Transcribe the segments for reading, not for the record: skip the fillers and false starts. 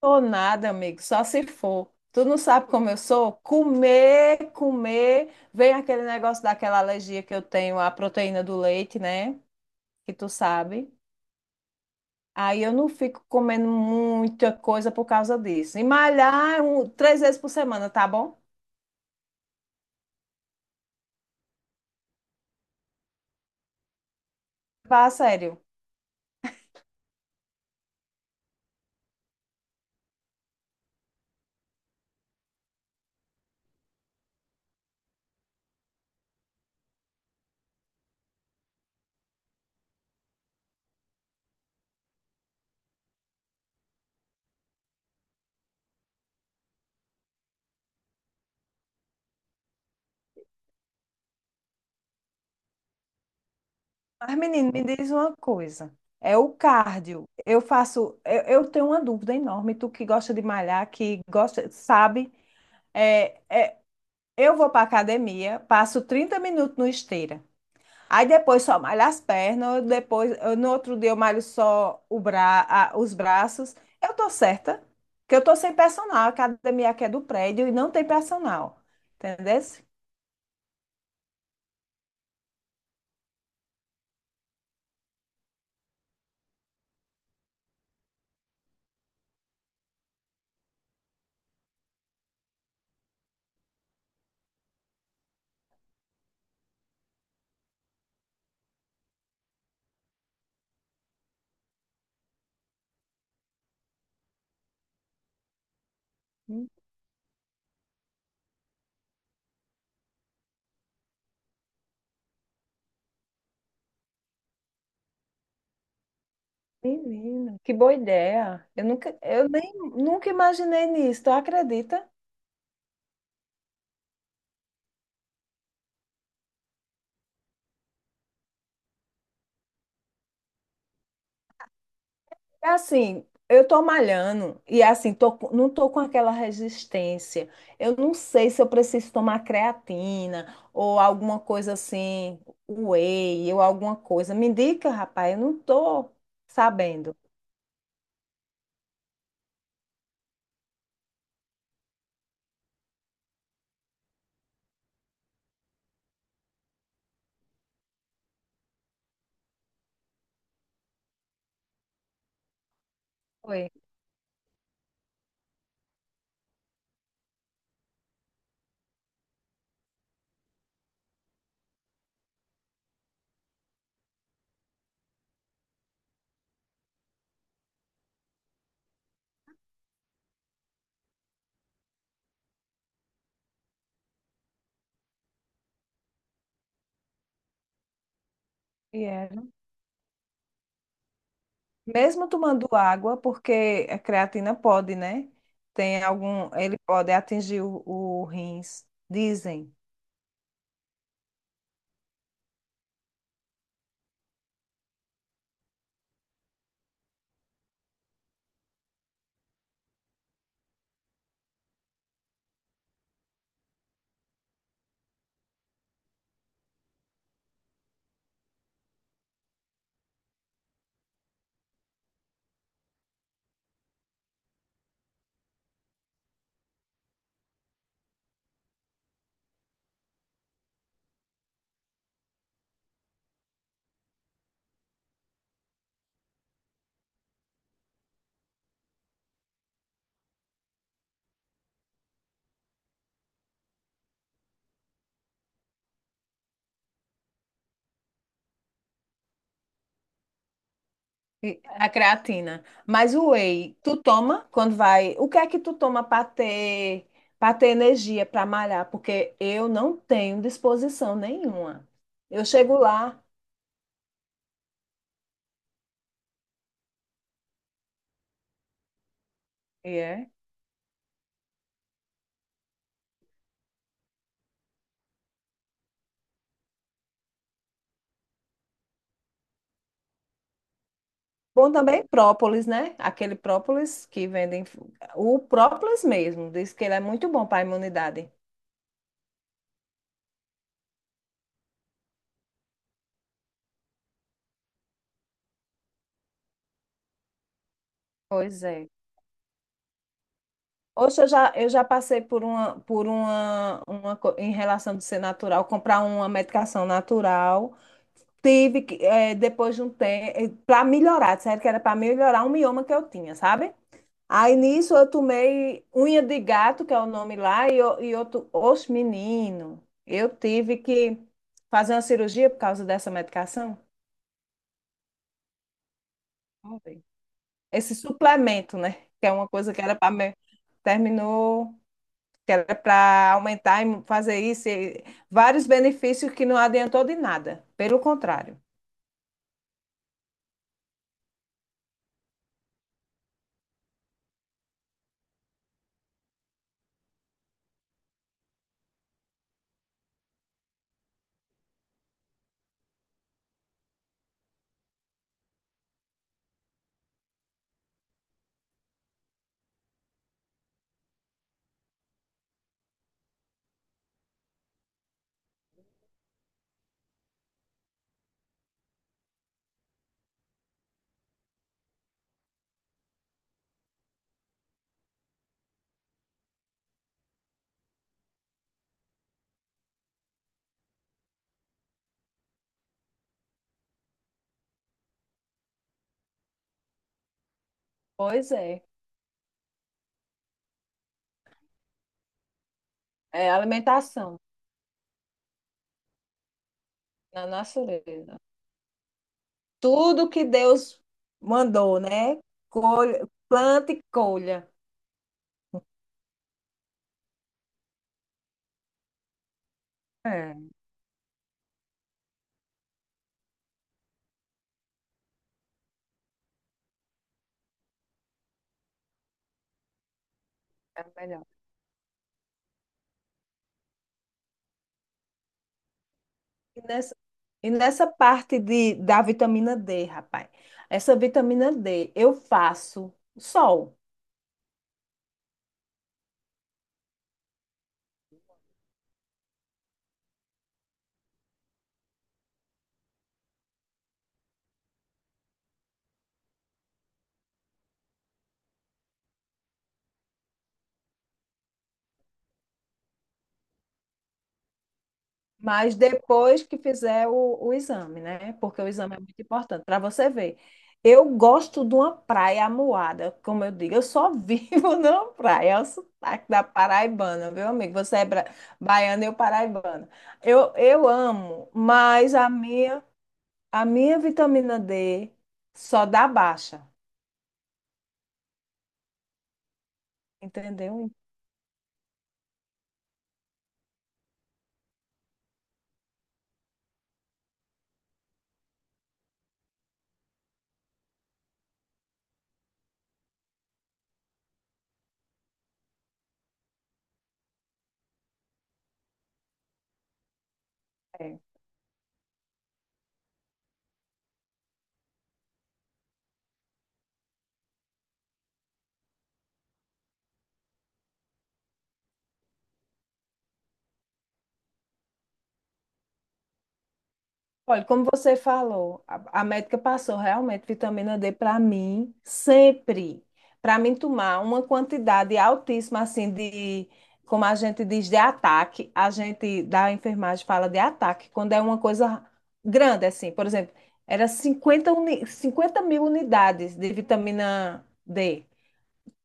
Tô nada, amigo, só se for. Tu não sabe como eu sou? Comer, comer. Vem aquele negócio daquela alergia que eu tenho à proteína do leite, né? Que tu sabe. Aí eu não fico comendo muita coisa por causa disso. E malhar três vezes por semana, tá bom? Fala sério. Mas, menino, me diz uma coisa. É o cardio. Eu faço. Eu tenho uma dúvida enorme. Tu que gosta de malhar, que gosta, sabe? é, Eu vou para academia, passo 30 minutos no esteira. Aí depois só malho as pernas, no outro dia eu malho só os braços. Eu tô certa, que eu tô sem personal. A academia aqui é do prédio e não tem personal. Entendeu? Hum. Menina, que boa ideia. Eu nunca. Eu nem nunca imaginei nisso, tu acredita? É assim, eu tô malhando e é assim, não tô com aquela resistência. Eu não sei se eu preciso tomar creatina ou alguma coisa assim, whey ou alguma coisa. Me indica, rapaz, eu não tô sabendo. Oi. E era. Mesmo tomando água, porque a creatina pode, né? Tem algum, ele pode atingir o rins, dizem. A creatina. Mas o whey, tu toma quando vai. O que é que tu toma para ter energia para malhar? Porque eu não tenho disposição nenhuma. Eu chego lá. E é? Bom também própolis, né? Aquele própolis que vendem. O própolis mesmo. Diz que ele é muito bom para a imunidade. Pois é. Oxe, eu já passei por uma, co- em relação de ser natural, comprar uma medicação natural. Tive que, depois de um tempo, para melhorar, disseram que era para melhorar um mioma que eu tinha, sabe? Aí nisso eu tomei unha de gato, que é o nome lá, e outro, oxe, menino, eu tive que fazer uma cirurgia por causa dessa medicação. Foi. Esse suplemento, né? Que é uma coisa que era para. Terminou, que era para aumentar e fazer isso, e vários benefícios que não adiantou de nada, pelo contrário. Pois é, é alimentação. Na natureza. Tudo que Deus mandou, né? Colha, planta e colha. É, é melhor. E nessa, e nessa parte da vitamina D, rapaz, essa vitamina D eu faço sol. Mas depois que fizer o exame, né? Porque o exame é muito importante para você ver. Eu gosto de uma praia amuada, como eu digo, eu só vivo numa praia. É o sotaque da paraibana, meu amigo. Você é baiana, eu paraibana. Eu amo, mas a minha vitamina D só dá baixa, entendeu? Olha, como você falou, a médica passou realmente vitamina D para mim sempre. Para mim tomar uma quantidade altíssima assim de, como a gente diz, de ataque, a gente da enfermagem fala de ataque, quando é uma coisa grande assim, por exemplo, era 50 mil unidades de vitamina D,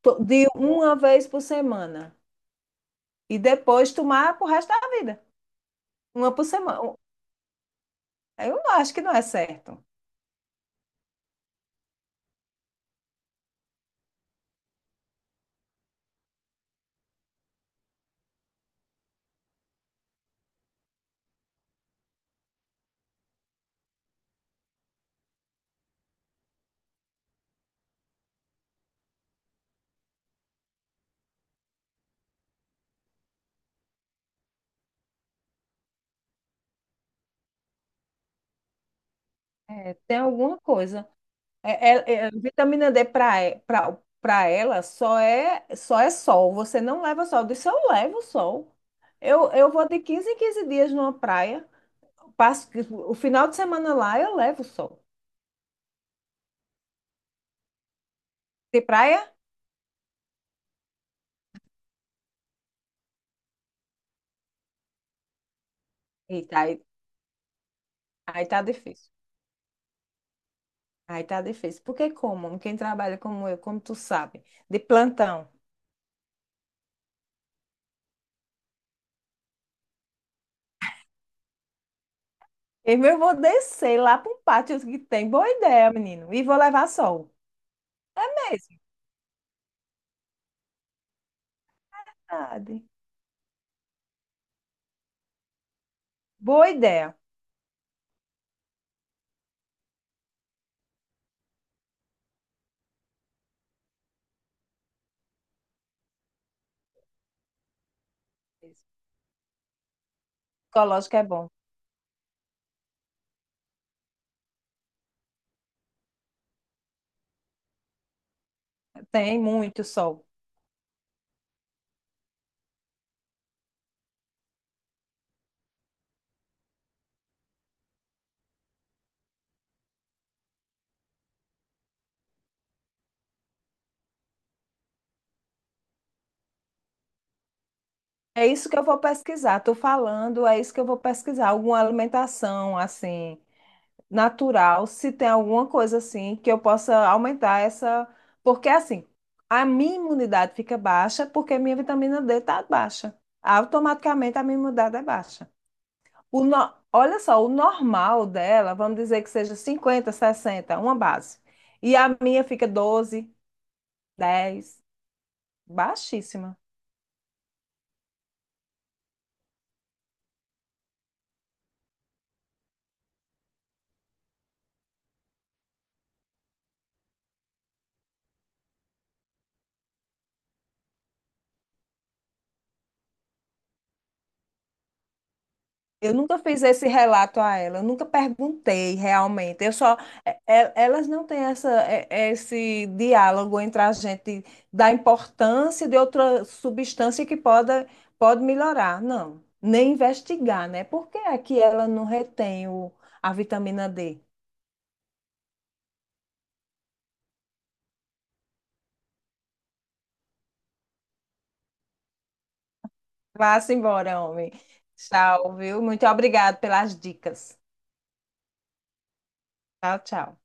de uma vez por semana. E depois tomar pro resto da vida, uma por semana. Eu não acho que não é certo. É, tem alguma coisa. É, vitamina D para ela só é sol. Você não leva sol. Eu disse, eu levo sol. Eu vou de 15 em 15 dias numa praia. Passo o final de semana lá, eu levo sol. De praia? Eita, aí tá difícil. Aí tá difícil. Porque como? Quem trabalha como eu, como tu sabe, de plantão. Eu mesmo vou descer lá para um pátio que tem. Boa ideia, menino. E vou levar sol. É mesmo. Verdade. Boa ideia. Ecológico é bom. Tem muito sol. É isso que eu vou pesquisar. Estou falando, é isso que eu vou pesquisar. Alguma alimentação assim natural, se tem alguma coisa assim que eu possa aumentar essa, porque assim, a minha imunidade fica baixa porque minha vitamina D está baixa. Automaticamente a minha imunidade é baixa. O no- Olha só, o normal dela, vamos dizer que seja 50, 60 uma base. E a minha fica 12, 10 baixíssima. Eu nunca fiz esse relato a ela, eu nunca perguntei realmente. Eu só, elas não têm essa, esse diálogo entre a gente da importância de outra substância que pode melhorar, não. Nem investigar, né? Por que é que ela não retém o, a vitamina D? Vá-se embora, homem. Tchau, viu? Muito obrigada pelas dicas. Tchau, tchau.